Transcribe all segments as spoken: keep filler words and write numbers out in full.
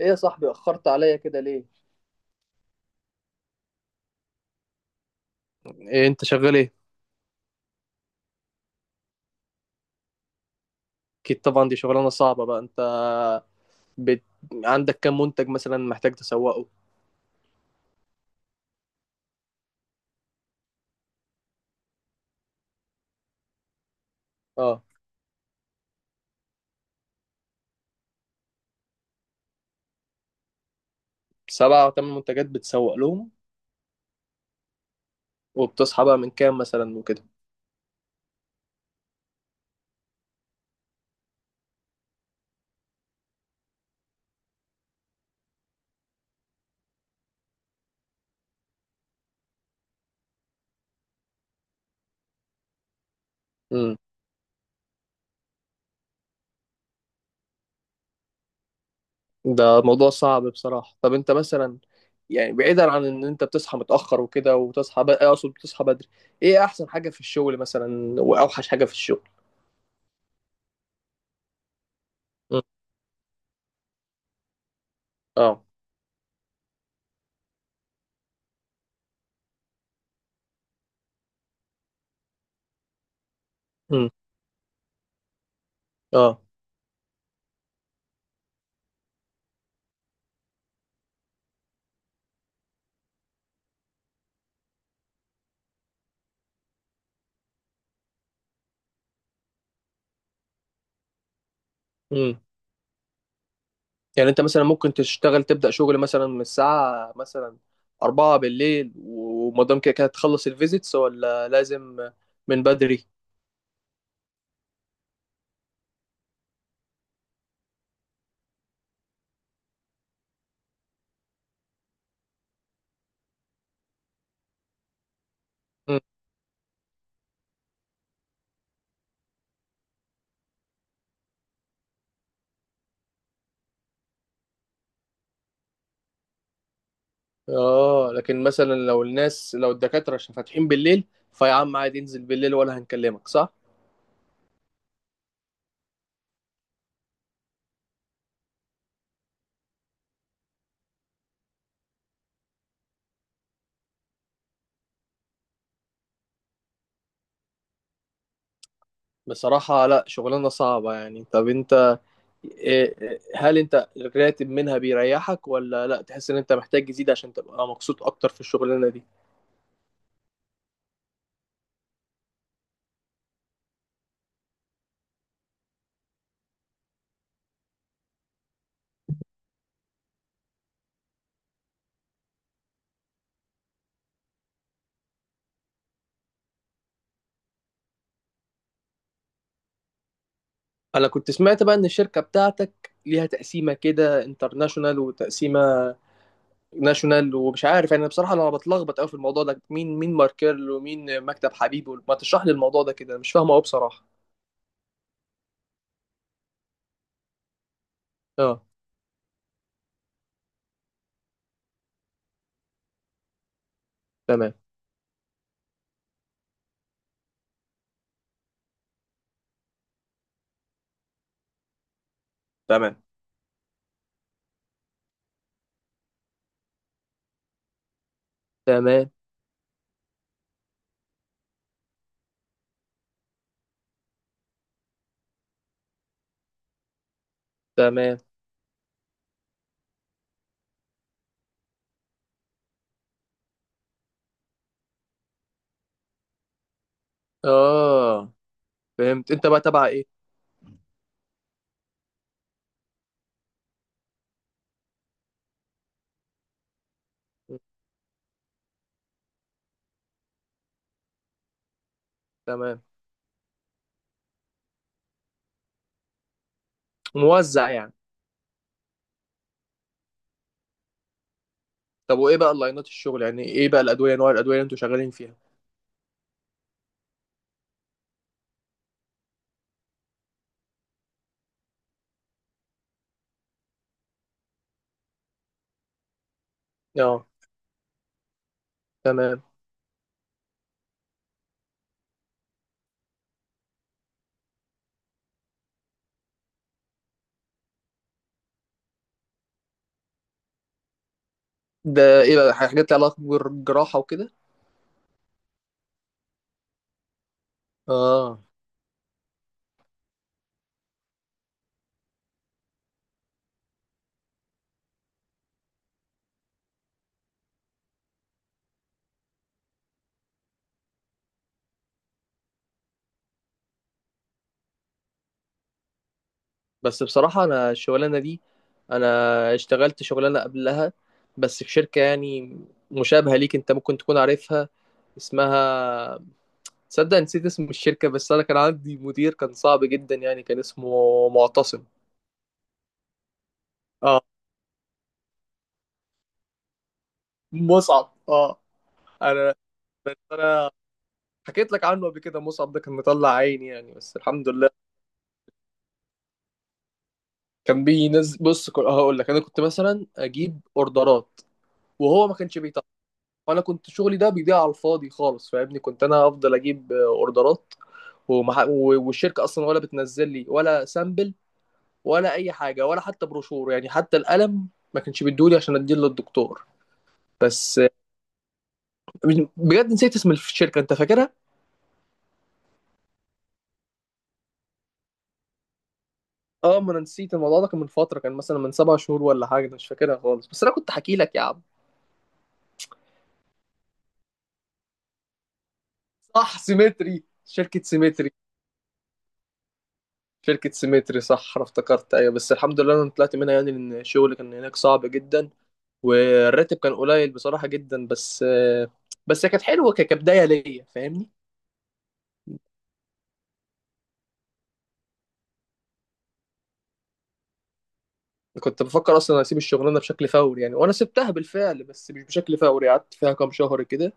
ايه يا صاحبي اخرت عليا كده ليه؟ إيه انت شغال ايه؟ اكيد طبعا، دي شغلانه صعبه. بقى انت بت... عندك كام منتج مثلا محتاج تسوقه؟ اه، سبعة او ثمان منتجات بتسوق لهم. وبتصحى بقى من كام مثلا وكده؟ امم، ده موضوع صعب بصراحه. طب انت مثلا، يعني بعيدا عن ان انت بتصحى متاخر وكده، وتصحى ب... اقصد بتصحى بدري، ايه احسن حاجه في الشغل مثلا واوحش حاجه في الشغل؟ امم. اه. امم. اه. امم. يعني انت مثلا ممكن تشتغل، تبدأ شغل مثلا من الساعة مثلا أربعة بالليل ومدام كده كده تخلص الفيزيتس، ولا لازم من بدري؟ مم. اه، لكن مثلا لو الناس، لو الدكاترة عشان فاتحين بالليل، فيا عم عادي انزل بالليل ولا، هنكلمك، صح؟ بصراحة لا، شغلانة صعبة يعني. طب انت إيه- إيه- هل انت الراتب منها بيريحك ولا لا، تحس ان انت محتاج تزيد عشان تبقى مبسوط اكتر في الشغلانة دي؟ انا كنت سمعت بقى ان الشركة بتاعتك ليها تقسيمة كده انترناشونال وتقسيمة ناشونال ومش عارف، يعني بصراحة انا بتلخبط قوي في الموضوع ده، مين مين ماركيرل ومين مكتب حبيب، ما تشرح لي الموضوع ده كده، مش فاهمه قوي بصراحة. اه. تمام. تمام. تمام. تمام. اه، فهمت. انت بقى تبع ايه؟ تمام. موزع يعني؟ طب وايه بقى اللاينات الشغل، يعني ايه بقى الادويه، انواع الادويه اللي انتوا شغالين فيها؟ اه. تمام. ده ايه بقى، حاجات لها علاقه بالجراحه وكده؟ اه. بس بصراحة أنا الشغلانة دي، أنا اشتغلت شغلانة قبلها بس في شركة يعني مشابهة ليك، أنت ممكن تكون عارفها، اسمها، تصدق نسيت اسم الشركة، بس أنا كان عندي مدير كان صعب جدا، يعني كان اسمه معتصم. اه، مصعب، اه. أنا، أنا حكيت لك عنه قبل كده، مصعب ده كان مطلع عيني يعني، بس الحمد لله. كان بينزل، بص كل- هقول لك، أنا كنت مثلا أجيب أوردرات وهو ما كانش بيطلع، وانا كنت شغلي ده بيضيع على الفاضي خالص، فاهمني، كنت انا افضل اجيب، آه، اوردرات، ومح... و- والشركه اصلا ولا بتنزل لي ولا سامبل ولا اي حاجه ولا حتى بروشور، يعني حتى القلم ما كانش بيدولي عشان اديه للدكتور. بس آه، بجد نسيت اسم الشركه، انت فاكرها؟ اه، ما انا نسيت الموضوع ده، كان من فتره، كان مثلا من سبع شهور ولا حاجه، أنا مش فاكرها خالص، بس انا كنت حكي لك يا عم. صح، سيمتري، شركه سيمتري، شركة سيمتري، صح أنا افتكرت، أيوة. بس الحمد لله أنا طلعت منها يعني، لأن الشغل كان هناك صعب جدا، والراتب كان قليل بصراحة جدا. بس، بس هي كانت حلوة ك- كبداية ليا، فاهمني. كنت بفكر اصلا اسيب الشغلانه بشكل فوري يعني، وانا سبتها بالفعل بس مش بشكل فوري، قعدت فيها كام شهر كده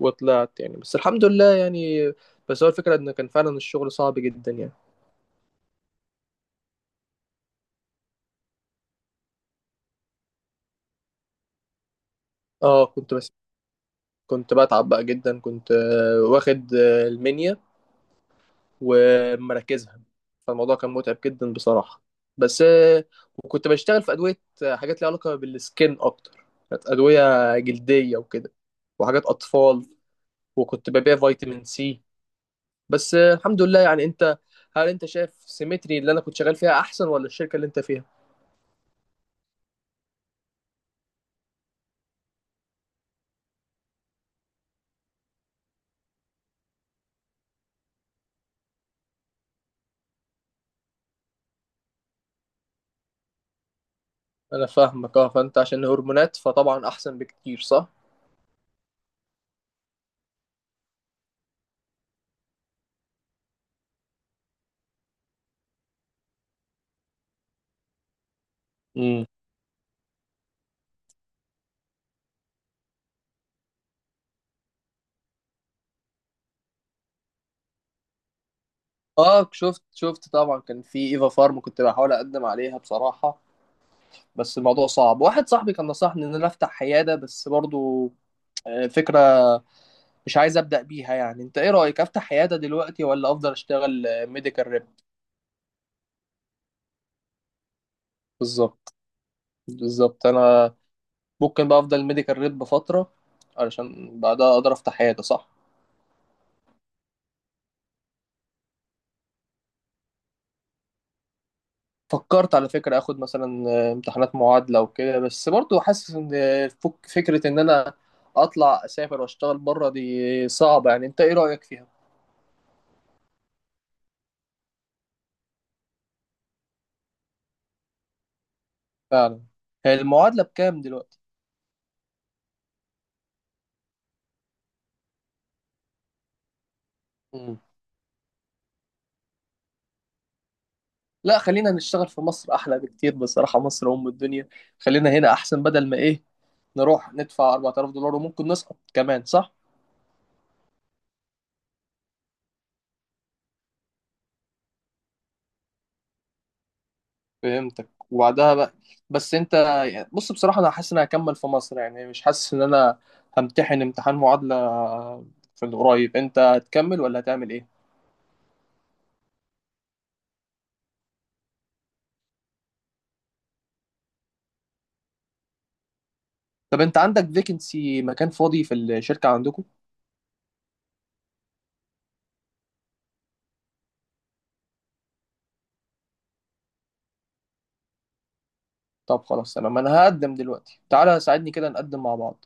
وطلعت يعني، بس الحمد لله يعني. بس هو الفكره ان كان فعلا الشغل صعب جدا يعني. اه، كنت بس كنت بتعب بقى جدا، كنت آه، واخد آه، المنيا ومراكزها، فالموضوع كان متعب جدا بصراحة. بس آه، وكنت بشتغل في أدوية، آه، حاجات ليها علاقة بالسكين أكتر، كانت أدوية جلدية وكده، وحاجات أطفال، وكنت ببيع فيتامين سي. بس آه، الحمد لله يعني. أنت، هل أنت شايف سيمتري اللي أنا كنت شغال فيها أحسن ولا الشركة اللي أنت فيها؟ أنا فاهمك أه. فأنت عشان هرمونات فطبعا أحسن بكتير، صح؟ امم. اه، شفت، شفت طبعا، كان في ايفا فارم كنت بحاول اقدم عليها بصراحه، بس الموضوع صعب. واحد صاحبي كان نصحني ان انا افتح عياده، بس برضو، آه، فكره مش عايز ابدا بيها يعني. انت ايه رايك، افتح عياده دلوقتي ولا افضل اشتغل ميديكال ريب؟ بالظبط، بالظبط. انا ممكن بقى افضل ميديكال ريب فتره علشان بعدها اقدر افتح عياده، صح. فكرت على فكره، اخد مثلا آه، امتحانات معادله وكده، بس برضو حاسس ان آه، فك- فكره ان انا اطلع اسافر واشتغل بره دي صعبه يعني. انت ايه رايك فيها؟ فعلا. هي المعادله بكام دلوقتي؟ لا، خلينا نشتغل في مصر، احلى بكتير بصراحه، مصر ام الدنيا، خلينا هنا احسن. بدل ما ايه، نروح ندفع اربعة الاف دولار وممكن نسقط كمان، صح. فهمتك. وبعدها بقى، بس انت، يعني بص بصراحه، انا حاسس ان أنا هكمل في مصر، يعني مش حاسس ان انا همتحن امتحان معادله في القريب. انت هتكمل ولا هتعمل ايه؟ طب انت عندك فيكنسي، مكان فاضي في الشركه عندكم؟ طب خلاص، تمام، انا هقدم دلوقتي، تعالى ساعدني كده نقدم مع بعض.